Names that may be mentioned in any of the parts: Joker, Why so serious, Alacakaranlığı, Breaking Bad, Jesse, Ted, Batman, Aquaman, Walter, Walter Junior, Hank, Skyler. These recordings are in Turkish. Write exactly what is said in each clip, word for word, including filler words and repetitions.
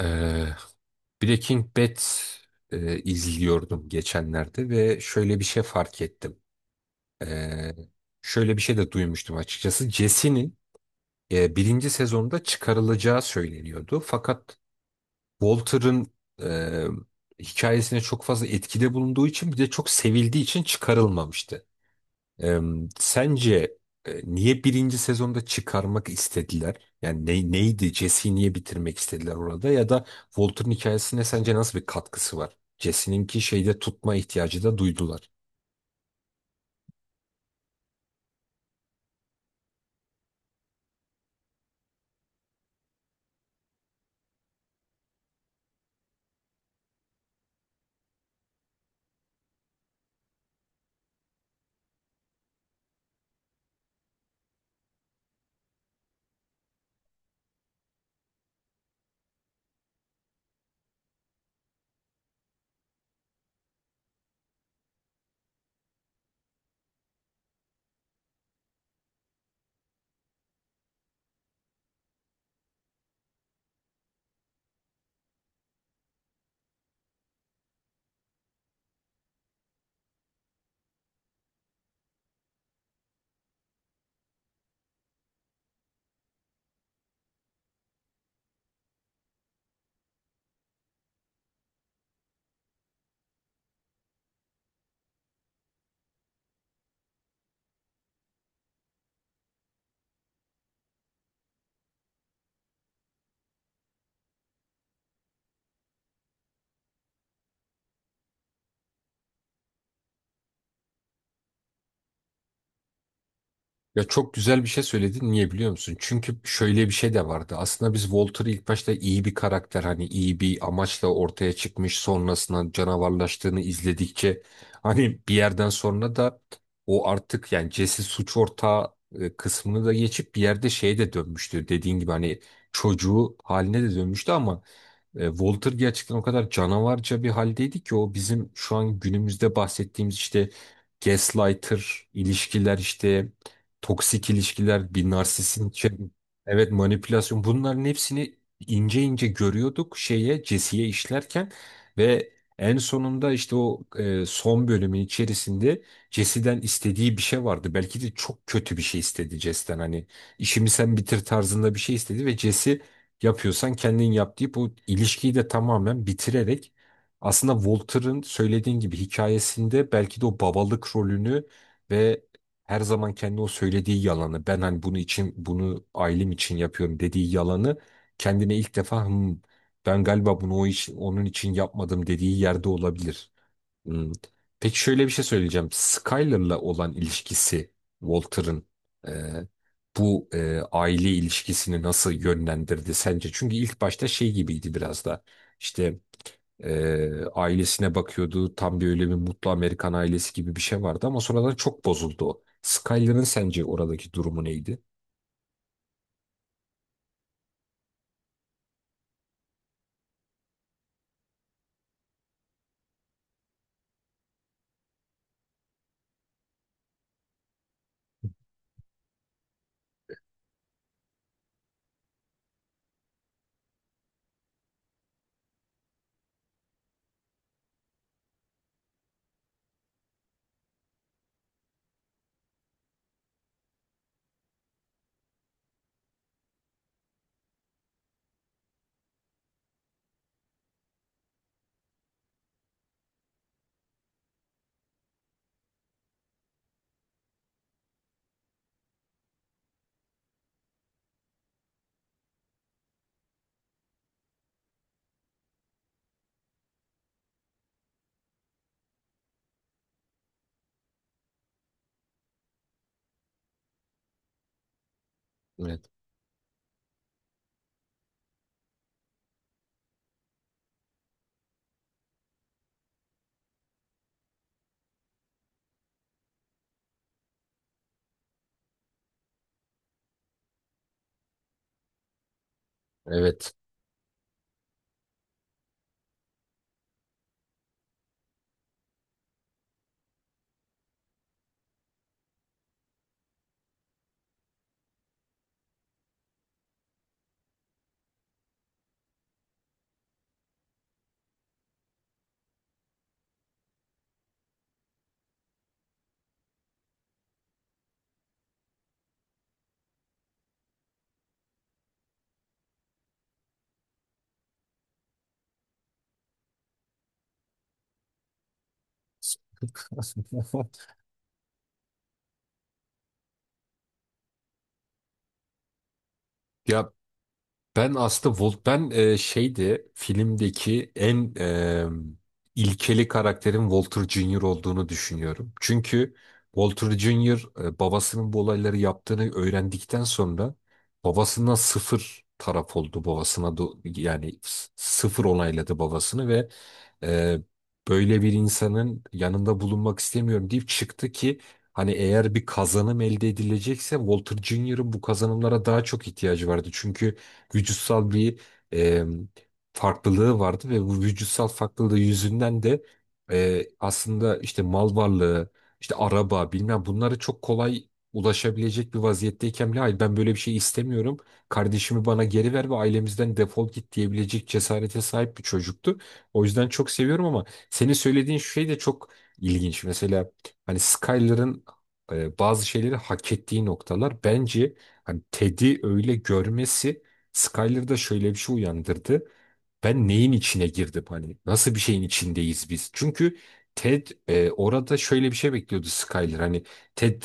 Ee, Breaking Bad e, izliyordum geçenlerde ve şöyle bir şey fark ettim. Ee, şöyle bir şey de duymuştum açıkçası. Jesse'nin e, birinci sezonda çıkarılacağı söyleniyordu. Fakat Walter'ın e, hikayesine çok fazla etkide bulunduğu için bir de çok sevildiği için çıkarılmamıştı. Eee, sence e, niye birinci sezonda çıkarmak istediler? Yani ne, neydi? Jesse'yi niye bitirmek istediler orada? Ya da Walter'ın hikayesine sence nasıl bir katkısı var? Jesse'ninki şeyde tutma ihtiyacı da duydular. Ya çok güzel bir şey söyledin. Niye biliyor musun? Çünkü şöyle bir şey de vardı. Aslında biz Walter'ı ilk başta iyi bir karakter hani iyi bir amaçla ortaya çıkmış sonrasında canavarlaştığını izledikçe hani bir yerden sonra da o artık yani Jesse suç ortağı e, kısmını da geçip bir yerde şeye de dönmüştü. Dediğin gibi hani çocuğu haline de dönmüştü ama e, Walter gerçekten o kadar canavarca bir haldeydi ki o bizim şu an günümüzde bahsettiğimiz işte gaslighter ilişkiler işte toksik ilişkiler bir narsistin şey- evet, manipülasyon, bunların hepsini ince ince görüyorduk şeye Jesse'ye işlerken ve en sonunda işte o e, son bölümün içerisinde Jesse'den istediği bir şey vardı. Belki de çok kötü bir şey istedi Jesse'den hani işimi sen bitir tarzında bir şey istedi ve Jesse yapıyorsan kendin yap deyip o ilişkiyi de tamamen bitirerek aslında Walter'ın söylediğin gibi hikayesinde belki de o babalık rolünü ve her zaman kendi o söylediği yalanı ben hani bunu için bunu ailem için yapıyorum dediği yalanı kendine ilk defa "Hmm, ben galiba bunu o iş, onun için yapmadım dediği yerde olabilir. Hmm. Peki şöyle bir şey söyleyeceğim. Skyler'la olan ilişkisi Walter'ın e, bu e, aile ilişkisini nasıl yönlendirdi sence? Çünkü ilk başta şey gibiydi biraz da. İşte e, ailesine bakıyordu. Tam bir öyle bir mutlu Amerikan ailesi gibi bir şey vardı ama sonradan çok bozuldu o. Skyler'ın sence oradaki durumu neydi? Evet. Evet. Ya, ben aslında Volt ben e, şeydi filmdeki en e, ilkeli karakterin Walter Junior olduğunu düşünüyorum. Çünkü Walter Junior e, babasının bu olayları yaptığını öğrendikten sonra babasından sıfır taraf oldu babasına do- yani s- sıfır onayladı babasını ve e, böyle bir insanın yanında bulunmak istemiyorum deyip çıktı ki hani eğer bir kazanım elde edilecekse Walter Junior'ın bu kazanımlara daha çok ihtiyacı vardı. Çünkü vücutsal bir e, farklılığı vardı ve bu vücutsal farklılığı yüzünden de e, aslında işte mal varlığı, işte araba bilmem bunlara çok kolay ulaşabilecek bir vaziyetteyken bile hayır ben böyle bir şey istemiyorum. Kardeşimi bana geri ver ve ailemizden defol git diyebilecek cesarete sahip bir çocuktu. O yüzden çok seviyorum ama senin söylediğin şey de çok ilginç. Mesela hani Skyler'ın e, bazı şeyleri hak ettiği noktalar bence hani Ted'i öyle görmesi Skyler'da şöyle bir şey uyandırdı, ben neyin içine girdim hani nasıl bir şeyin içindeyiz biz? Çünkü Ted e, orada şöyle bir şey bekliyordu Skyler hani Ted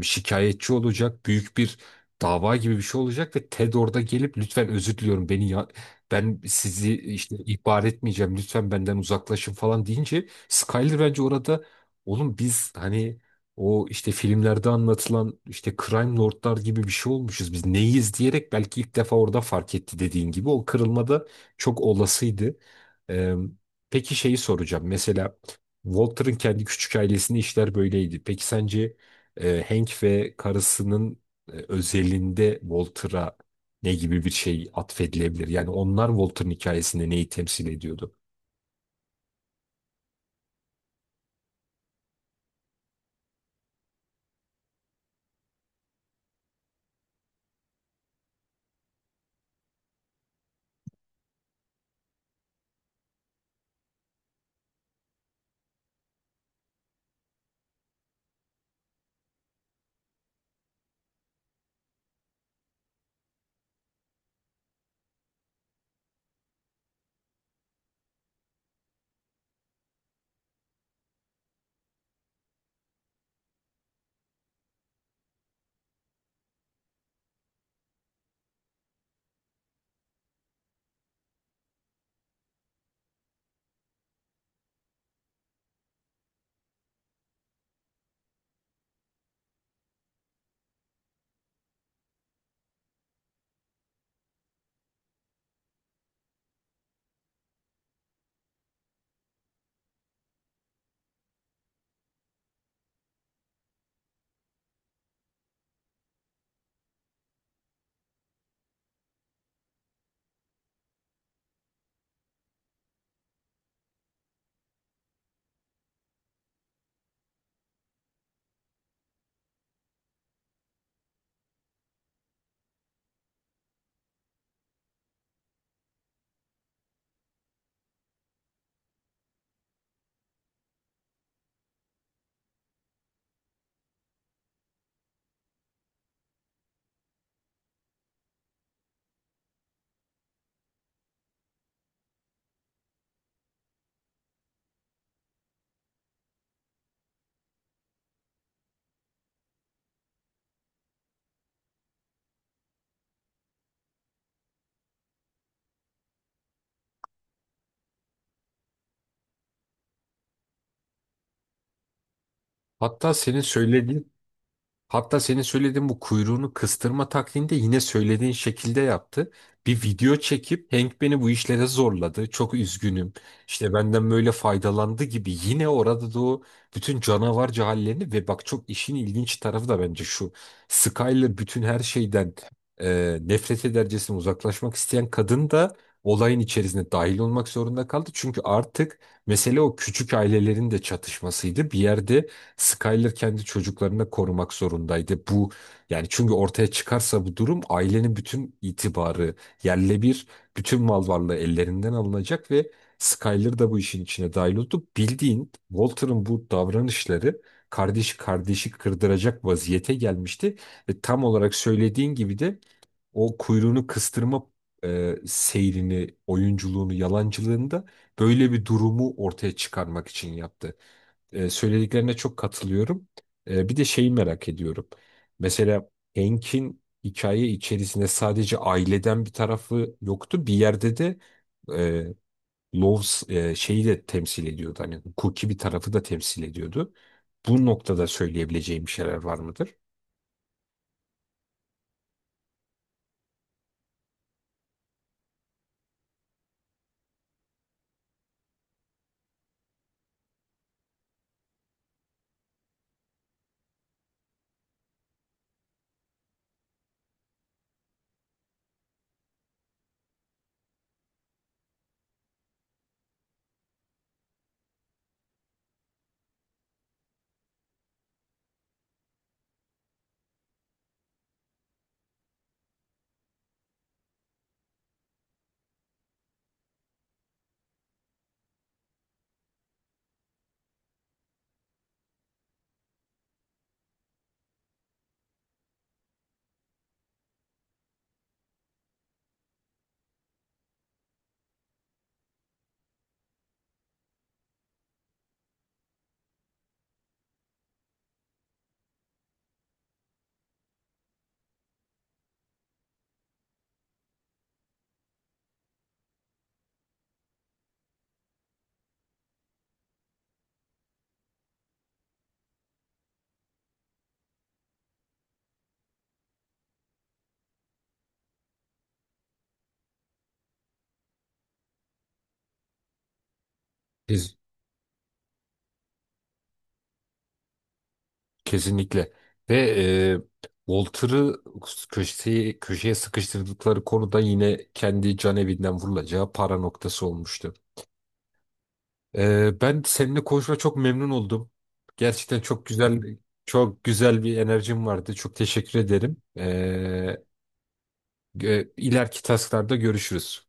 e, şikayetçi olacak büyük bir dava gibi bir şey olacak ve Ted orada gelip lütfen özür diliyorum beni ya ben sizi işte ihbar etmeyeceğim lütfen benden uzaklaşın falan deyince Skyler bence orada oğlum biz hani o işte filmlerde anlatılan işte Crime Lordlar gibi bir şey olmuşuz biz neyiz diyerek belki ilk defa orada fark etti dediğin gibi o kırılmada çok olasıydı. Ee, peki şeyi soracağım. Mesela Walter'ın kendi küçük ailesinde işler böyleydi. Peki sence e, Hank ve karısının e, özelinde Walter'a ne gibi bir şey atfedilebilir? Yani onlar Walter'ın hikayesinde neyi temsil ediyordu? Hatta senin söylediğin Hatta senin söylediğin bu kuyruğunu kıstırma taktiğini de yine söylediğin şekilde yaptı. Bir video çekip Hank beni bu işlere zorladı. Çok üzgünüm. İşte benden böyle faydalandı gibi yine orada da o bütün canavarca hallerini ve bak çok işin ilginç tarafı da bence şu. Skyler bütün her şeyden e, nefret edercesine uzaklaşmak isteyen kadın da olayın içerisine dahil olmak zorunda kaldı. Çünkü artık mesele o küçük ailelerin de çatışmasıydı. Bir yerde Skyler kendi çocuklarını korumak zorundaydı. Bu yani çünkü ortaya çıkarsa bu durum ailenin bütün itibarı yerle bir, bütün mal varlığı ellerinden alınacak ve Skyler da bu işin içine dahil oldu. Bildiğin Walter'ın bu davranışları kardeşi kardeşi kırdıracak vaziyete gelmişti ve tam olarak söylediğin gibi de o kuyruğunu kıstırma e, seyrini, oyunculuğunu, yalancılığını da böyle bir durumu ortaya çıkarmak için yaptı. E, söylediklerine çok katılıyorum. E, bir de şeyi merak ediyorum. Mesela Hank'in hikaye içerisinde sadece aileden bir tarafı yoktu. Bir yerde de e, Loves e, şeyi de temsil ediyordu. Hani hukuki bir tarafı da temsil ediyordu. Bu noktada söyleyebileceğim bir şeyler var mıdır? Siz Kesinlikle. Ve e, Walter'ı köşeye, köşeye sıkıştırdıkları konuda yine kendi can evinden vurulacağı para noktası olmuştu. E, ben seninle konuşma çok memnun oldum. Gerçekten çok güzel çok güzel bir enerjim vardı. Çok teşekkür ederim. E, gö- ileriki tasklarda görüşürüz.